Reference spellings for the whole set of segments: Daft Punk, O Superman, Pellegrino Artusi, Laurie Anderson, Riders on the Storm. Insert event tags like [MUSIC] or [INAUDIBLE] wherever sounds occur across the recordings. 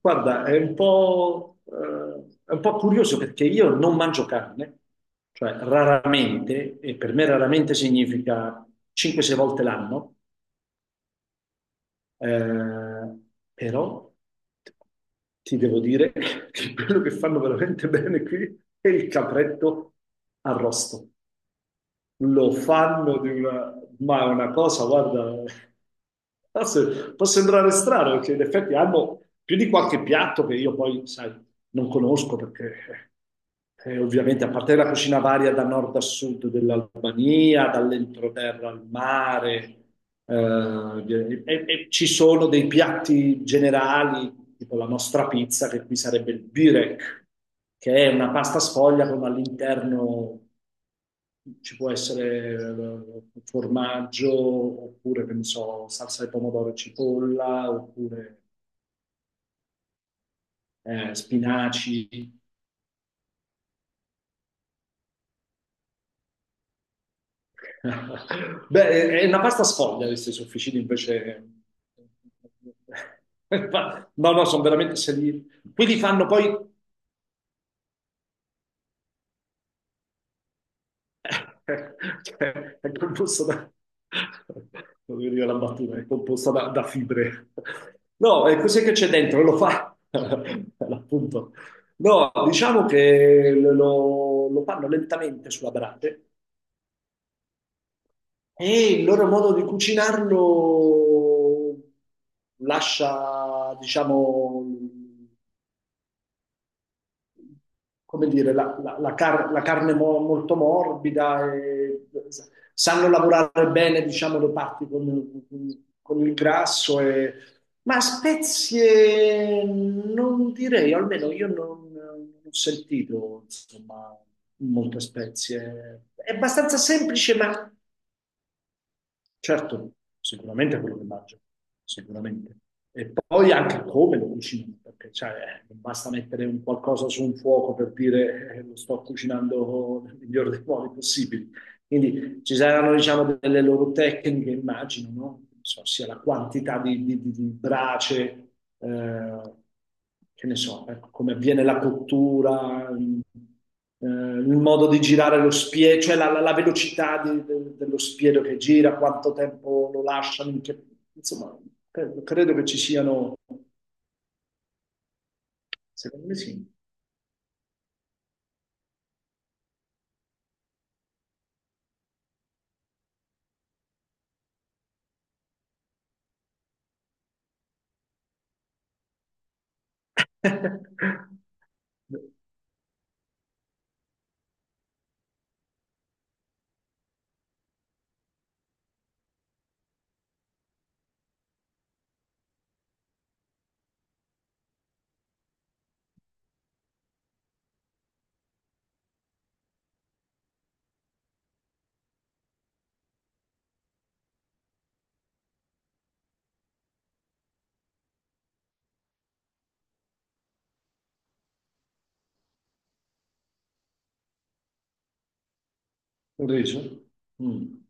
Guarda, è un po' curioso perché io non mangio carne, cioè raramente, e per me raramente significa 5-6 volte l'anno, eh, però ti devo dire [LAUGHS] che quello che fanno veramente bene qui è il capretto arrosto. Lo fanno di una... Ma è una cosa, guarda, forse può sembrare strano perché in effetti hanno più di qualche piatto che io poi, sai, non conosco perché ovviamente a parte la cucina varia da nord a sud dell'Albania, dall'entroterra al mare, e ci sono dei piatti generali tipo la nostra pizza, che qui sarebbe il birek, che è una pasta sfoglia con all'interno ci può essere formaggio, oppure, che ne so, salsa di pomodoro e cipolla, oppure spinaci. [LAUGHS] Beh, è una pasta sfoglia, questi sofficini invece... [LAUGHS] Ma no, no, sono veramente... se li- Qui li fanno poi. Cioè, è composto da... Non mi veniva la battuta, è composta da fibre. No, e cos'è che c'è dentro? Lo fa, [LAUGHS] appunto. No, diciamo che lo fanno lentamente sulla brace e il loro modo di cucinarlo lascia, diciamo, come dire, la carne molto morbida, e sanno lavorare bene, diciamo, le parti con il grasso, ma spezie non direi, almeno io non ho sentito, insomma, molte spezie. È abbastanza semplice, ma. Certo, sicuramente quello che mangio, sicuramente. E poi anche come lo cucino, perché cioè, non basta mettere un qualcosa su un fuoco per dire lo sto cucinando nel miglior dei modi possibili. Quindi ci saranno, diciamo, delle loro tecniche, immagino, no? Non so, sia la quantità di brace, eh, che ne so, ecco, come avviene la cottura, il modo di girare lo spiedo, cioè la velocità dello spiedo che gira, quanto tempo lo lasciano, insomma, credo che ci siano, secondo me sì. [LAUGHS] Un riso? Mm.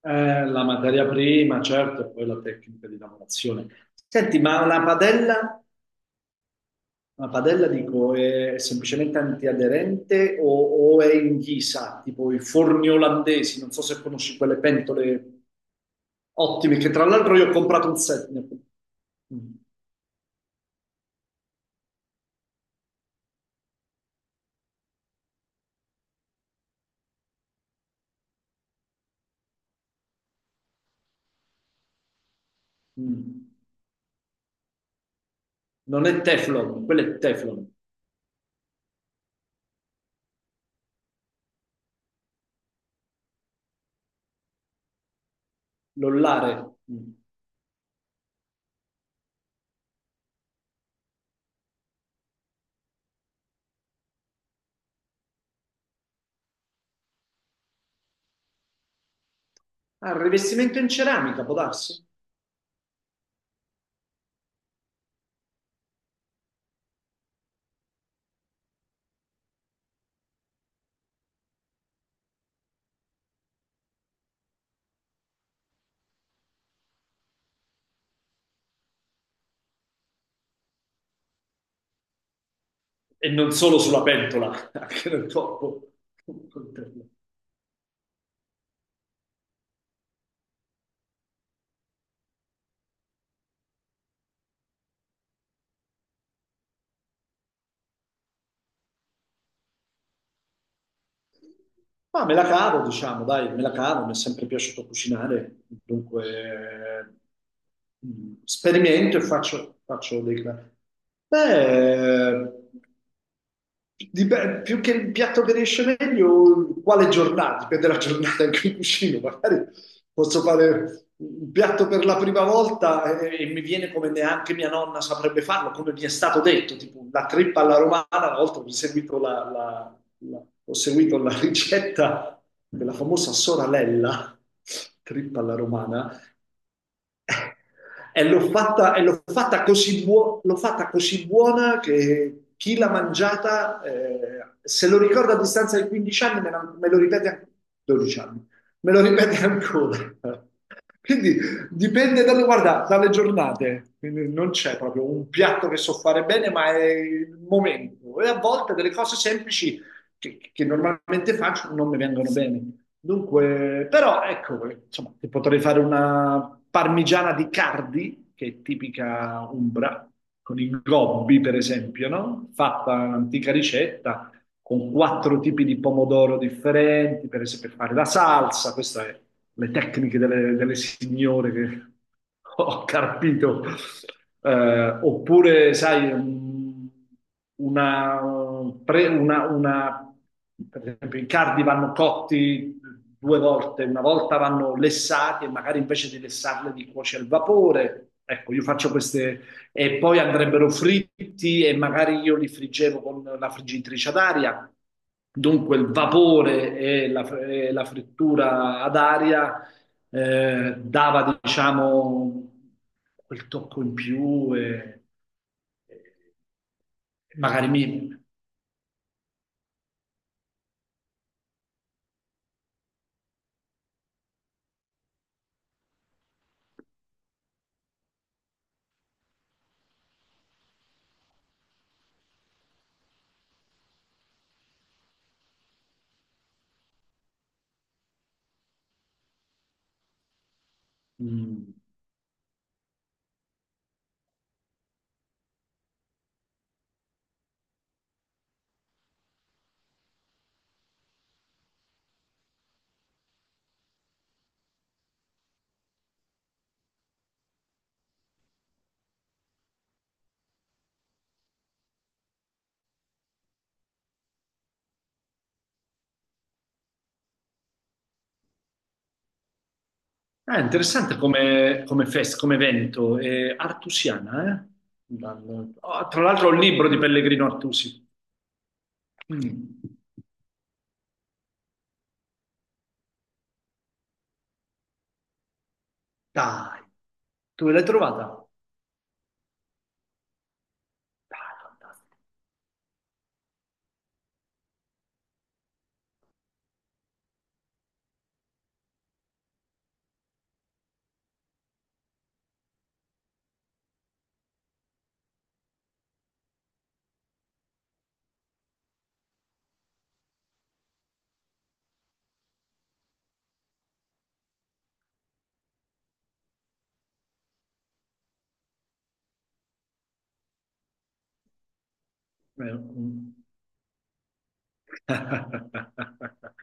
La materia prima, certo, e poi la tecnica di lavorazione. Senti, ma una padella dico, è semplicemente antiaderente o è in ghisa, tipo i forni olandesi, non so se conosci quelle pentole ottime, che tra l'altro io ho comprato un set. Mm, mm. Non è Teflon, quello è Teflon, l'ollare. Mm. Ah, il rivestimento in ceramica, può darsi? E non solo sulla pentola, [LAUGHS] anche nel corpo. Ma me la cavo, diciamo, dai, me la cavo, mi è sempre piaciuto cucinare, dunque sperimento e faccio dei... Beh, più che il piatto che riesce meglio, quale giornata, dipende dalla giornata in cui cucino, magari posso fare un piatto per la prima volta e mi viene come neanche mia nonna saprebbe farlo, come mi è stato detto, tipo la trippa alla romana, una volta mi è seguito No. Ho seguito la ricetta della famosa soralella, trippa alla romana, e l'ho fatta, così, l'ho fatta così buona che chi l'ha mangiata, se lo ricorda a distanza di 15 anni, me lo ripete ancora, 12 anni, me lo ripete ancora. Quindi dipende guarda, dalle giornate. Quindi non c'è proprio un piatto che so fare bene, ma è il momento. E a volte delle cose semplici che normalmente faccio non mi vengono bene. Dunque, però ecco, insomma, ti potrei fare una parmigiana di Cardi, che è tipica umbra, con i gobbi, per esempio, no? Fatta un'antica ricetta, con quattro tipi di pomodoro differenti, per esempio per fare la salsa, queste sono le tecniche delle signore che [LAUGHS] ho capito. Oppure sai, un- una, pre- una- per esempio i cardi vanno cotti due volte, una volta vanno lessati e magari invece di lessarli li cuoci al vapore. Ecco, io faccio queste e poi andrebbero fritti e magari io li friggevo con la friggitrice ad aria. Dunque il vapore e la frittura ad aria dava, diciamo, quel tocco in più e magari mi. Mm. Ah, è interessante come evento, è artusiana, eh? Oh, tra l'altro ho un libro di Pellegrino Artusi. Mm. Dai, dove l'hai trovata? Dai, fantastico. Eh, mm. [LAUGHS]